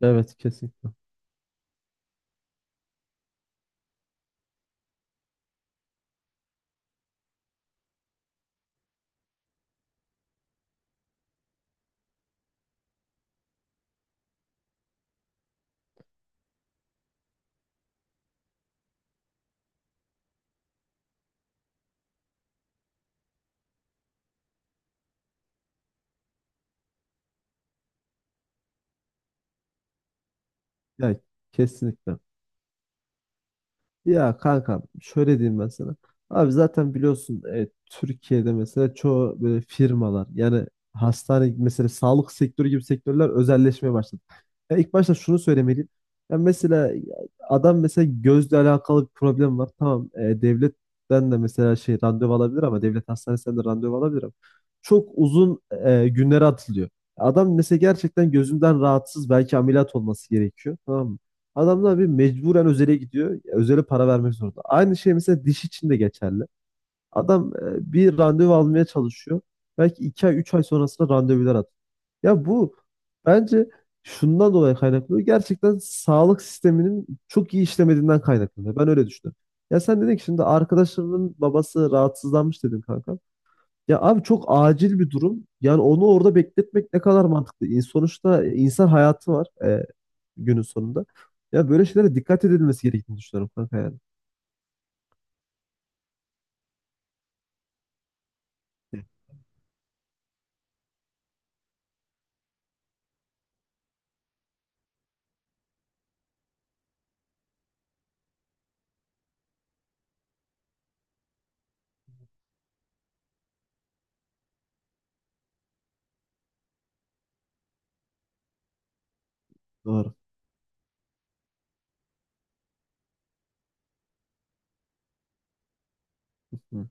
Evet, kesinlikle. Ya, kesinlikle. Ya kanka, şöyle diyeyim ben sana. Abi zaten biliyorsun, Türkiye'de mesela çoğu böyle firmalar, yani hastane mesela, sağlık sektörü gibi sektörler özelleşmeye başladı. Ya ilk başta şunu söylemeliyim. Ya mesela adam, mesela gözle alakalı bir problem var. Tamam, devletten de mesela şey randevu alabilir ama devlet hastanesinden de randevu alabilir ama çok uzun günlere atılıyor. Adam mesela gerçekten gözünden rahatsız, belki ameliyat olması gerekiyor. Tamam mı? Adamlar bir mecburen özele gidiyor. Özele para vermek zorunda. Aynı şey mesela diş için de geçerli. Adam bir randevu almaya çalışıyor. Belki 2 ay, 3 ay sonrasında randevular atıyor. Ya bu bence şundan dolayı kaynaklanıyor. Gerçekten sağlık sisteminin çok iyi işlemediğinden kaynaklanıyor. Ben öyle düşünüyorum. Ya sen dedin ki şimdi arkadaşlarının babası rahatsızlanmış dedin kanka. Ya abi, çok acil bir durum. Yani onu orada bekletmek ne kadar mantıklı? Sonuçta insan hayatı var, günün sonunda. Ya böyle şeylere dikkat edilmesi gerektiğini düşünüyorum kanka, yani. Doğru. Hı.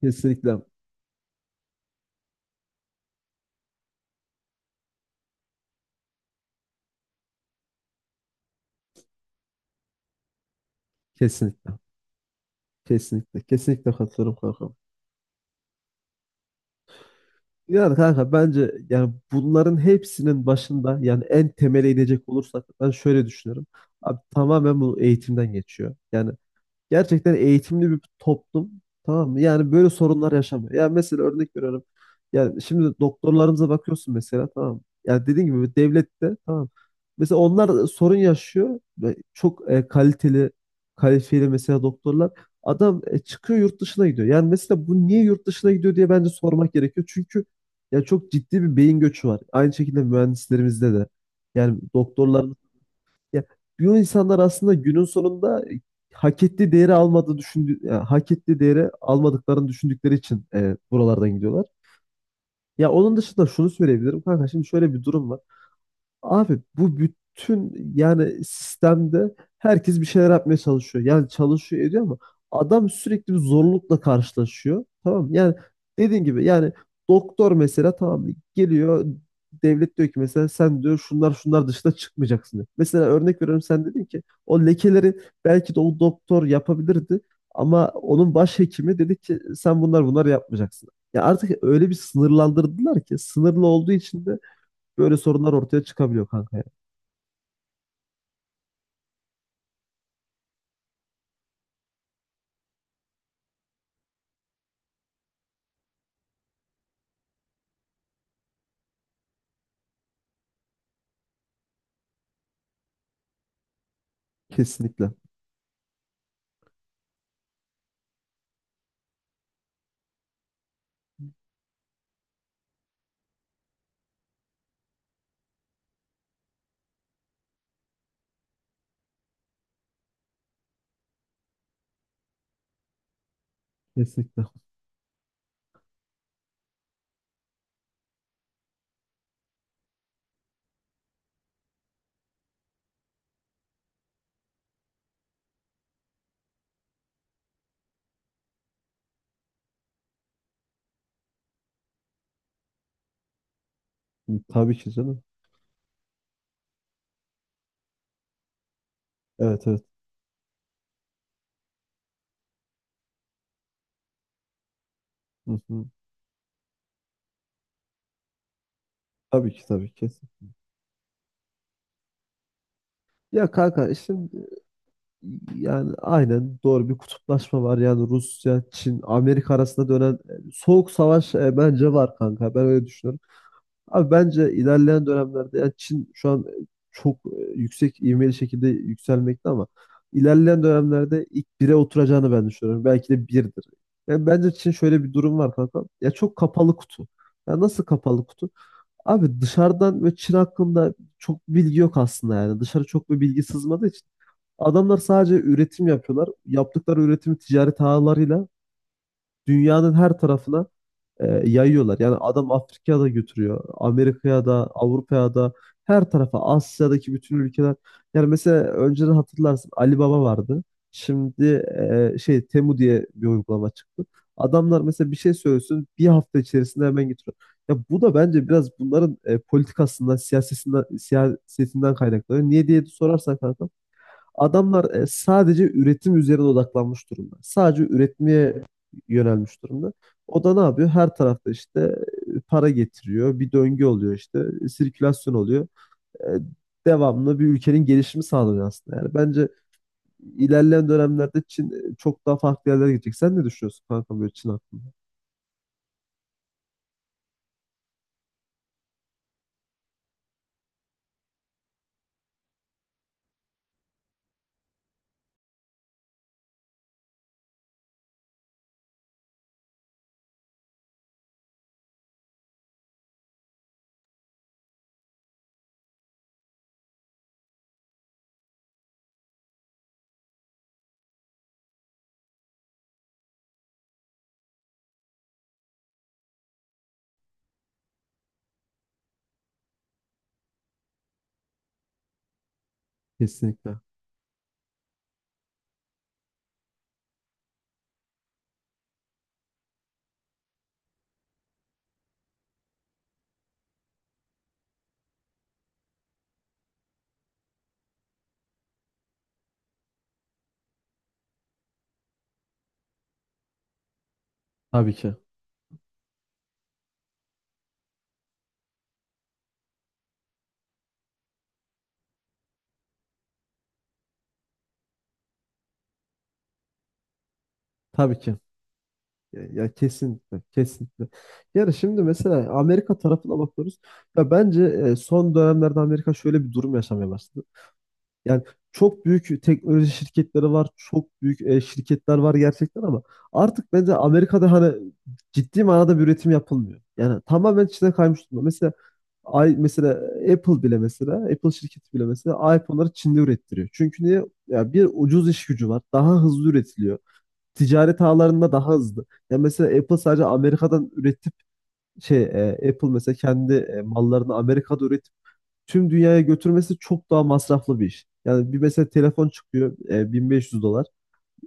Kesinlikle. Kesinlikle. Kesinlikle. Kesinlikle katılıyorum kanka. Yani kanka, bence yani bunların hepsinin başında, yani en temele inecek olursak ben şöyle düşünüyorum. Abi, tamamen bu eğitimden geçiyor. Yani gerçekten eğitimli bir toplum, tamam mı? Yani böyle sorunlar yaşamıyor. Yani mesela örnek veriyorum. Yani şimdi doktorlarımıza bakıyorsun mesela, tamam mı? Yani dediğim gibi devlette, tamam mı? Mesela onlar sorun yaşıyor ve çok kaliteli, kalifiyeli mesela doktorlar. Adam çıkıyor, yurt dışına gidiyor. Yani mesela bu niye yurt dışına gidiyor diye bence sormak gerekiyor. Çünkü ya çok ciddi bir beyin göçü var. Aynı şekilde mühendislerimizde de. Yani doktorlar ya, bu insanlar aslında günün sonunda, hak ettiği değeri almadığı düşündü, yani hak ettiği değeri almadıklarını düşündükleri için buralardan gidiyorlar. Ya onun dışında şunu söyleyebilirim kanka, şimdi şöyle bir durum var. Abi bu bütün, yani sistemde herkes bir şeyler yapmaya çalışıyor. Yani çalışıyor, ediyor ama adam sürekli bir zorlukla karşılaşıyor. Tamam mı? Yani dediğin gibi, yani doktor mesela, tamam mı? Geliyor, devlet diyor ki mesela, sen diyor şunlar şunlar dışında çıkmayacaksın diyor. Mesela örnek veriyorum, sen dedin ki o lekeleri belki de o doktor yapabilirdi ama onun başhekimi dedi ki sen bunlar bunlar yapmayacaksın. Ya artık öyle bir sınırlandırdılar ki, sınırlı olduğu için de böyle sorunlar ortaya çıkabiliyor kanka, ya. Kesinlikle. Kesinlikle. Tabii ki, canım. Evet, evet. Hı hı. Tabii ki, tabii, kesin. Ya kanka, şimdi yani aynen doğru, bir kutuplaşma var. Yani Rusya, Çin, Amerika arasında dönen soğuk savaş bence var kanka. Ben öyle düşünüyorum. Abi bence ilerleyen dönemlerde yani Çin şu an çok yüksek ivmeli şekilde yükselmekte ama ilerleyen dönemlerde ilk bire oturacağını ben düşünüyorum. Belki de birdir. Yani bence Çin, şöyle bir durum var kanka. Ya çok kapalı kutu. Ya nasıl kapalı kutu? Abi dışarıdan ve Çin hakkında çok bilgi yok aslında, yani. Dışarı çok bir bilgi sızmadığı için adamlar sadece üretim yapıyorlar. Yaptıkları üretimi ticaret ağlarıyla dünyanın her tarafına yayıyorlar. Yani adam Afrika'ya da götürüyor. Amerika'ya da, Avrupa'ya da, her tarafa, Asya'daki bütün ülkeler. Yani mesela önceden hatırlarsın, Ali Baba vardı. Şimdi şey Temu diye bir uygulama çıktı. Adamlar mesela bir şey söylesin, bir hafta içerisinde hemen getiriyor. Ya bu da bence biraz bunların politikasından, siyasetinden kaynaklanıyor. Niye diye sorarsan kanka, adamlar sadece üretim üzerine odaklanmış durumda. Sadece üretmeye yönelmiş durumda. O da ne yapıyor? Her tarafta işte para getiriyor. Bir döngü oluyor işte. Sirkülasyon oluyor. E, Devamlı bir ülkenin gelişimi sağlanıyor aslında. Yani bence ilerleyen dönemlerde Çin çok daha farklı yerlere gidecek. Sen ne düşünüyorsun kanka, böyle Çin hakkında? Kesinlikle. Tabii ki. Tabii ki. Ya, ya, kesinlikle, kesinlikle. Yani şimdi mesela Amerika tarafına bakıyoruz. Ya bence son dönemlerde Amerika şöyle bir durum yaşamaya başladı. Yani çok büyük teknoloji şirketleri var, çok büyük şirketler var gerçekten ama artık bence Amerika'da hani ciddi manada bir üretim yapılmıyor. Yani tamamen Çin'e kaymış durumda. Mesela ay, mesela Apple bile, mesela Apple şirketi bile mesela iPhone'ları Çin'de ürettiriyor. Çünkü niye? Ya bir ucuz iş gücü var. Daha hızlı üretiliyor, ticaret ağlarında daha hızlı. Ya mesela Apple sadece Amerika'dan üretip şey, Apple mesela kendi mallarını Amerika'da üretip tüm dünyaya götürmesi çok daha masraflı bir iş. Yani bir mesela telefon çıkıyor, 1500 dolar.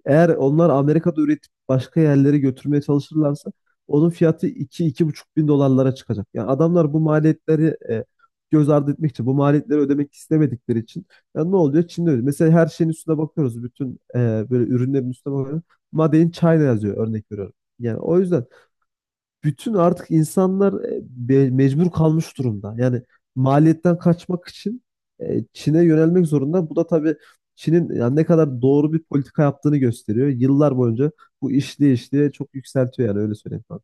Eğer onlar Amerika'da üretip başka yerlere götürmeye çalışırlarsa onun fiyatı iki, iki buçuk bin dolarlara çıkacak. Yani adamlar bu maliyetleri e, göz ardı etmek için, bu maliyetleri ödemek istemedikleri için yani ne oluyor? Çin'de öyle. Mesela her şeyin üstüne bakıyoruz. Bütün böyle ürünlerin üstüne bakıyoruz. Made in China yazıyor, örnek veriyorum. Yani o yüzden bütün artık insanlar mecbur kalmış durumda. Yani maliyetten kaçmak için Çin'e yönelmek zorunda. Bu da tabii Çin'in yani ne kadar doğru bir politika yaptığını gösteriyor. Yıllar boyunca bu işliye işliye çok yükseltiyor yani, öyle söyleyeyim kanka.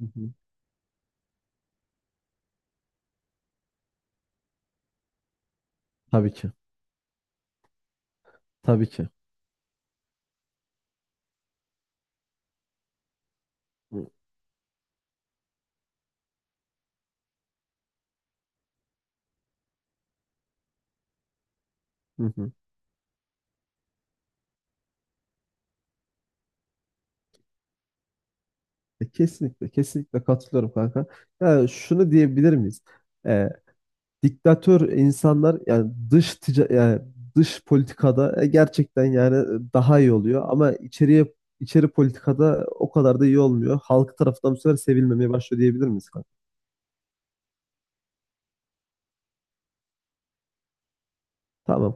Hı hı. Tabii ki. Tabii ki. Hı hı. Hı. Kesinlikle, kesinlikle katılıyorum kanka. Yani şunu diyebilir miyiz? E, diktatör insanlar, yani dış tica yani dış politikada gerçekten, yani daha iyi oluyor ama içeri politikada o kadar da iyi olmuyor. Halk tarafından bu sefer sevilmemeye başlıyor diyebilir miyiz kanka? Tamam.